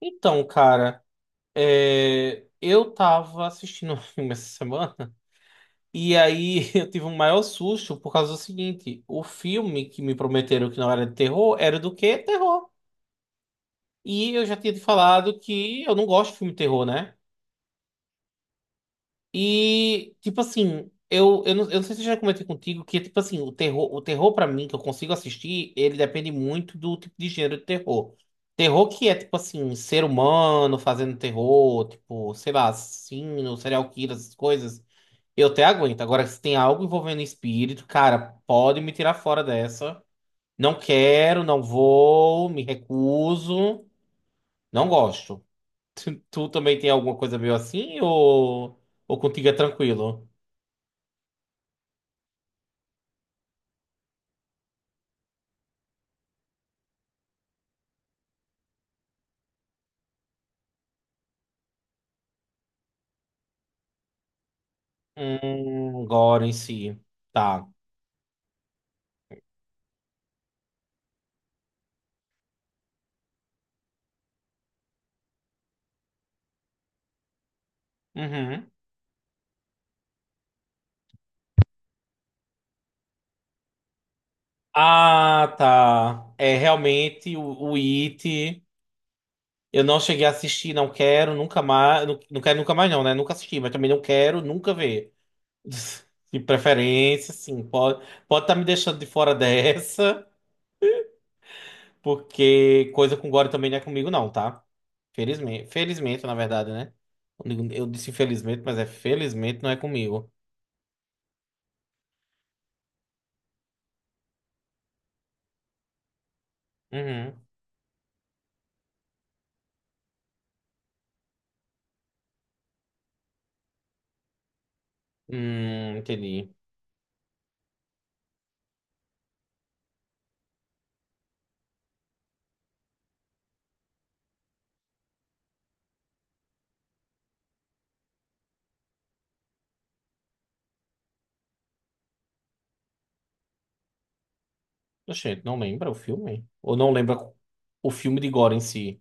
Então, cara, eu tava assistindo um filme essa semana e aí eu tive um maior susto por causa do seguinte: o filme que me prometeram que não era de terror era do quê? Terror. E eu já tinha te falado que eu não gosto de filme de terror, né? E, tipo assim, não, eu não sei se eu já comentei contigo que, tipo assim, o terror para mim, que eu consigo assistir, ele depende muito do tipo de gênero de terror. Terror que é, tipo assim, ser humano fazendo terror, tipo, sei lá, assassino, serial killer, essas coisas, eu até aguento. Agora, se tem algo envolvendo espírito, cara, pode me tirar fora dessa. Não quero, não vou, me recuso, não gosto. Tu também tem alguma coisa meio assim ou contigo é tranquilo? Agora em si. Tá. Uhum. Ah, tá. É realmente o It. Eu não cheguei a assistir, não quero, nunca mais. Não, não quero nunca mais, não, né? Nunca assisti, mas também não quero nunca ver. De preferência, sim. Pode estar me deixando de fora dessa, porque coisa com Gore também não é comigo, não, tá? Felizmente, na verdade, né? Eu disse infelizmente, mas é felizmente não é comigo. Uhum. Entendi. Gente, não lembra o filme? Ou não lembra o filme de Gore em si?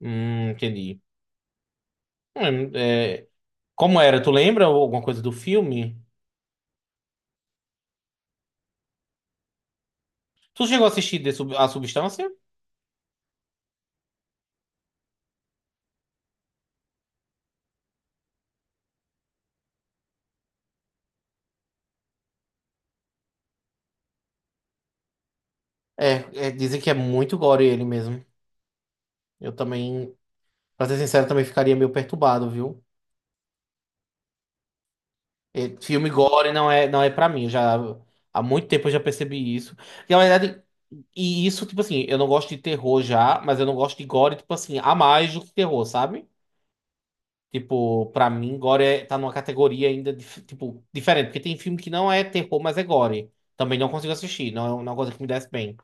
Entendi. É, como era? Tu lembra alguma coisa do filme? Tu chegou a assistir A Substância? É, dizem que é muito gore ele mesmo. Eu também, pra ser sincero, também ficaria meio perturbado, viu? É, filme gore não é, não é pra mim. Há muito tempo eu já percebi isso. E, na verdade, e isso, tipo assim, eu não gosto de terror já, mas eu não gosto de gore, tipo assim, a mais do que terror, sabe? Tipo, pra mim, tá numa categoria ainda, tipo, diferente. Porque tem filme que não é terror, mas é Gore. Também não consigo assistir, não é uma coisa que me desce bem.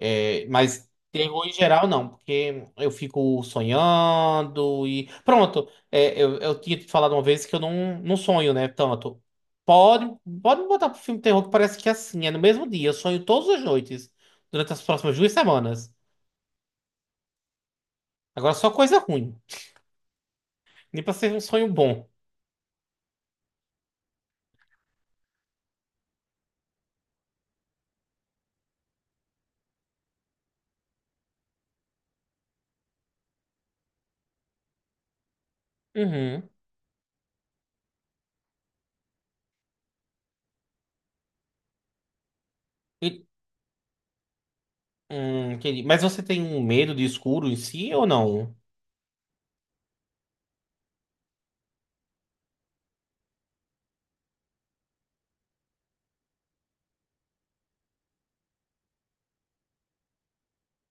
É, mas terror em geral, não, porque eu fico sonhando Pronto, é, eu tinha te falado uma vez que eu não, não sonho, né? Tanto. Pode, pode me botar pro filme de terror que parece que é assim, é no mesmo dia. Eu sonho todas as noites, durante as próximas duas semanas. Agora só coisa ruim. Nem pra ser um sonho bom. Uhum. E- entendi. Mas você tem um medo de escuro em si ou não?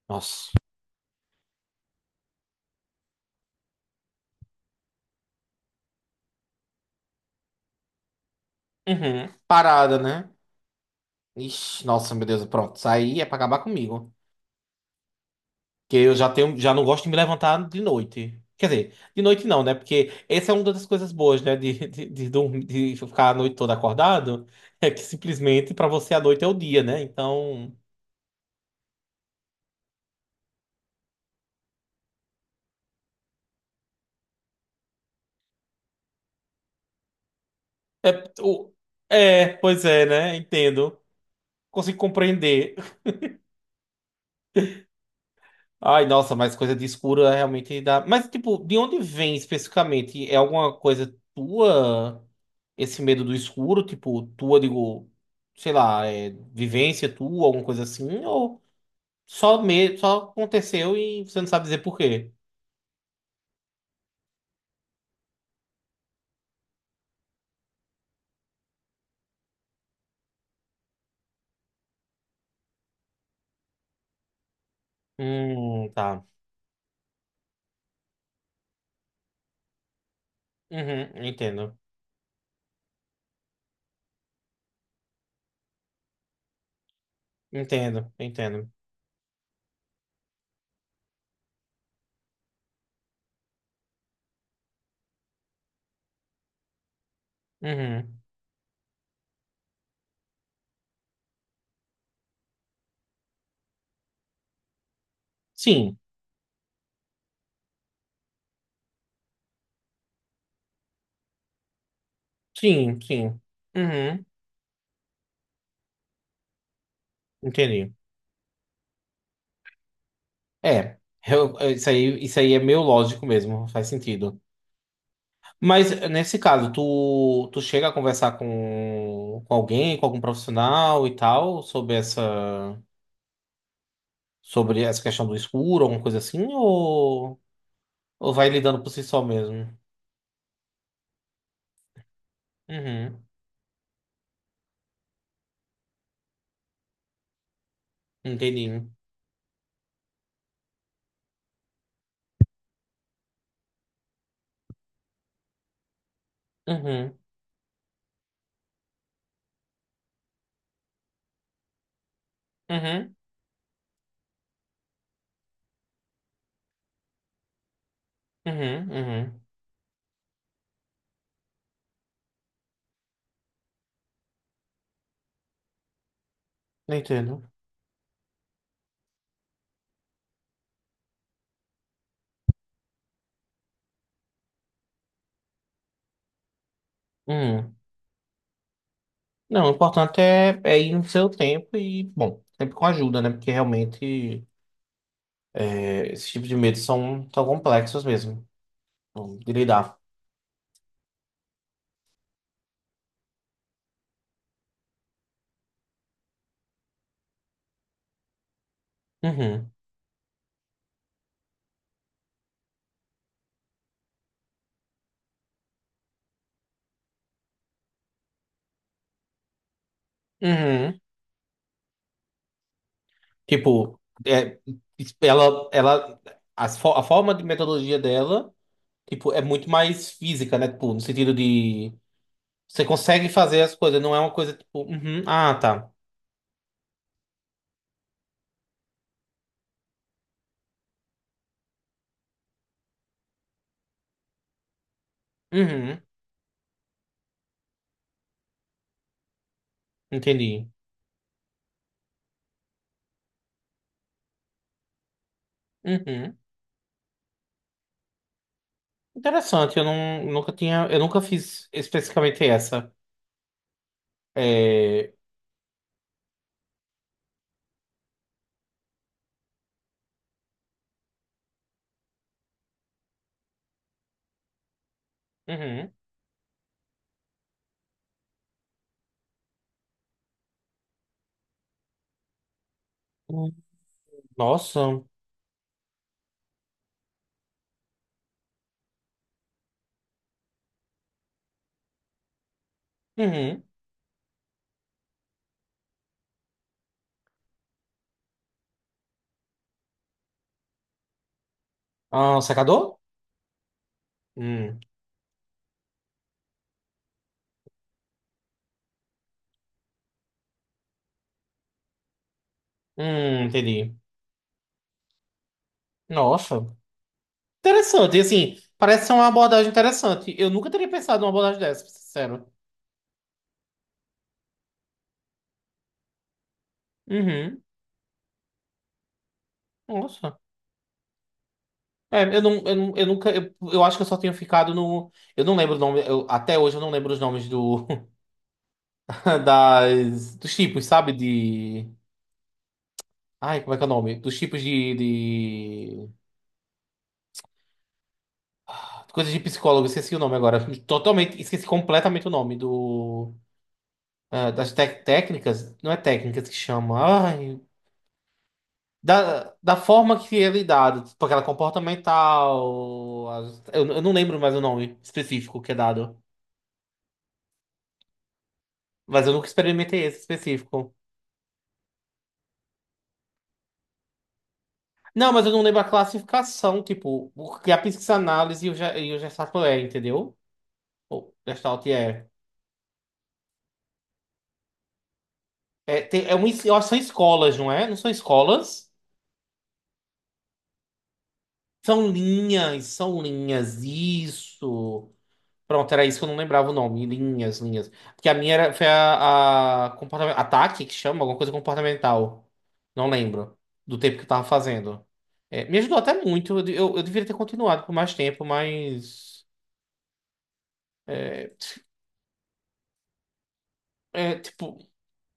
Nossa. Uhum. Parada, né? Ixi, nossa, meu Deus, pronto. Isso aí é pra acabar comigo. Porque eu já tenho, já não gosto de me levantar de noite. Quer dizer, de noite não, né? Porque essa é uma das coisas boas, né? De ficar a noite toda acordado. É que simplesmente pra você a noite é o dia, né? Então. É, o- é, pois é, né? Entendo. Consigo compreender. Ai, nossa, mas coisa de escura realmente dá. Mas, tipo, de onde vem especificamente? É alguma coisa tua, esse medo do escuro? Tipo, tua, digo, sei lá, é vivência tua, alguma coisa assim? Ou só aconteceu e você não sabe dizer por quê? Tá. Uhum, entendo. Entendo, entendo. Uhum. Sim, sim, sim. Uhum, entendi. É, isso aí é meio lógico mesmo, faz sentido. Mas nesse caso, tu chega a conversar com alguém, com algum profissional e tal, sobre essa questão do escuro, alguma coisa assim, ou vai lidando por si só mesmo? Uhum, entendi. Uhum, uhum, uhum, uhum. Entendo. Uhum. Não, o importante é, é ir no seu tempo e, bom, sempre com ajuda, né? Porque realmente é, esses tipos de medos são tão complexos mesmo bom, de lidar. Uhum, uhum. Tipo, é, ela, ela, a forma de metodologia dela, tipo, é muito mais física, né? Tipo, no sentido de você consegue fazer as coisas, não é uma coisa tipo, uhum, ah, tá, uhum, entendi, uhum. Interessante, eu não, nunca tinha, eu nunca fiz especificamente essa. É, uhum. Hum, Nossa, uhum. Ah, secador? Hum, entendi. Nossa. Interessante, e assim, parece ser uma abordagem interessante. Eu nunca teria pensado numa abordagem dessa, pra ser sincero. Uhum. Nossa. É, eu não, eu não, eu nunca, eu acho que eu só tenho ficado no, eu não lembro o nome, eu- até hoje eu não lembro os nomes do, das, dos tipos, sabe, de, ai, como é que é o nome? Dos tipos de, coisas de psicólogo, esqueci o nome agora, totalmente, esqueci completamente o nome do, ah, técnicas, não é técnicas que chama, ai, da forma que ele é dado, tipo aquela comportamental. Eu não lembro mais o nome específico que é dado. Mas eu nunca experimentei esse específico. Não, mas eu não lembro a classificação, tipo, o que a psicanálise e e o Gestalt é, entendeu? Ou Gestalt é. É, é uma, eu acho que são escolas, não é? Não são escolas? São linhas, isso. Pronto, era isso que eu não lembrava o nome. Linhas, linhas. Porque foi a comportamento, ataque, que chama, alguma coisa comportamental. Não lembro. Do tempo que eu tava fazendo. É, me ajudou até muito. Eu deveria ter continuado por mais tempo, mas. É, tipo.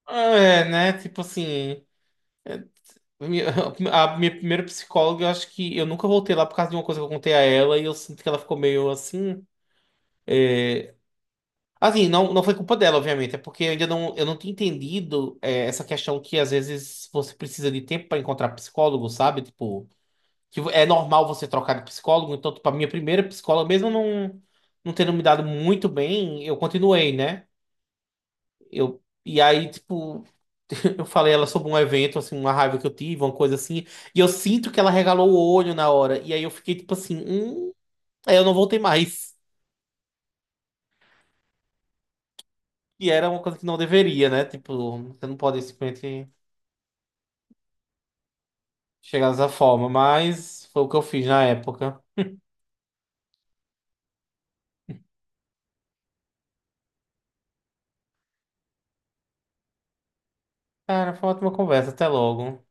É, né? Tipo assim. é, minha- a minha primeira psicóloga, eu acho que eu nunca voltei lá por causa de uma coisa que eu contei a ela e eu sinto que ela ficou meio assim. Assim, não, não foi culpa dela, obviamente, é porque eu não tinha entendido é, essa questão que às vezes você precisa de tempo para encontrar psicólogo, sabe? Tipo, que é normal você trocar de psicólogo, então, tipo, a minha primeira psicóloga, mesmo não, não tendo me dado muito bem, eu continuei, né? E aí, tipo, eu falei ela sobre um evento, assim, uma raiva que eu tive, uma coisa assim, e eu sinto que ela regalou o olho na hora, e aí eu fiquei, tipo assim, aí eu não voltei mais. E era uma coisa que não deveria, né? Tipo, você não pode simplesmente. Chegar dessa forma, mas foi o que eu fiz na época. Cara, foi uma ótima conversa, até logo.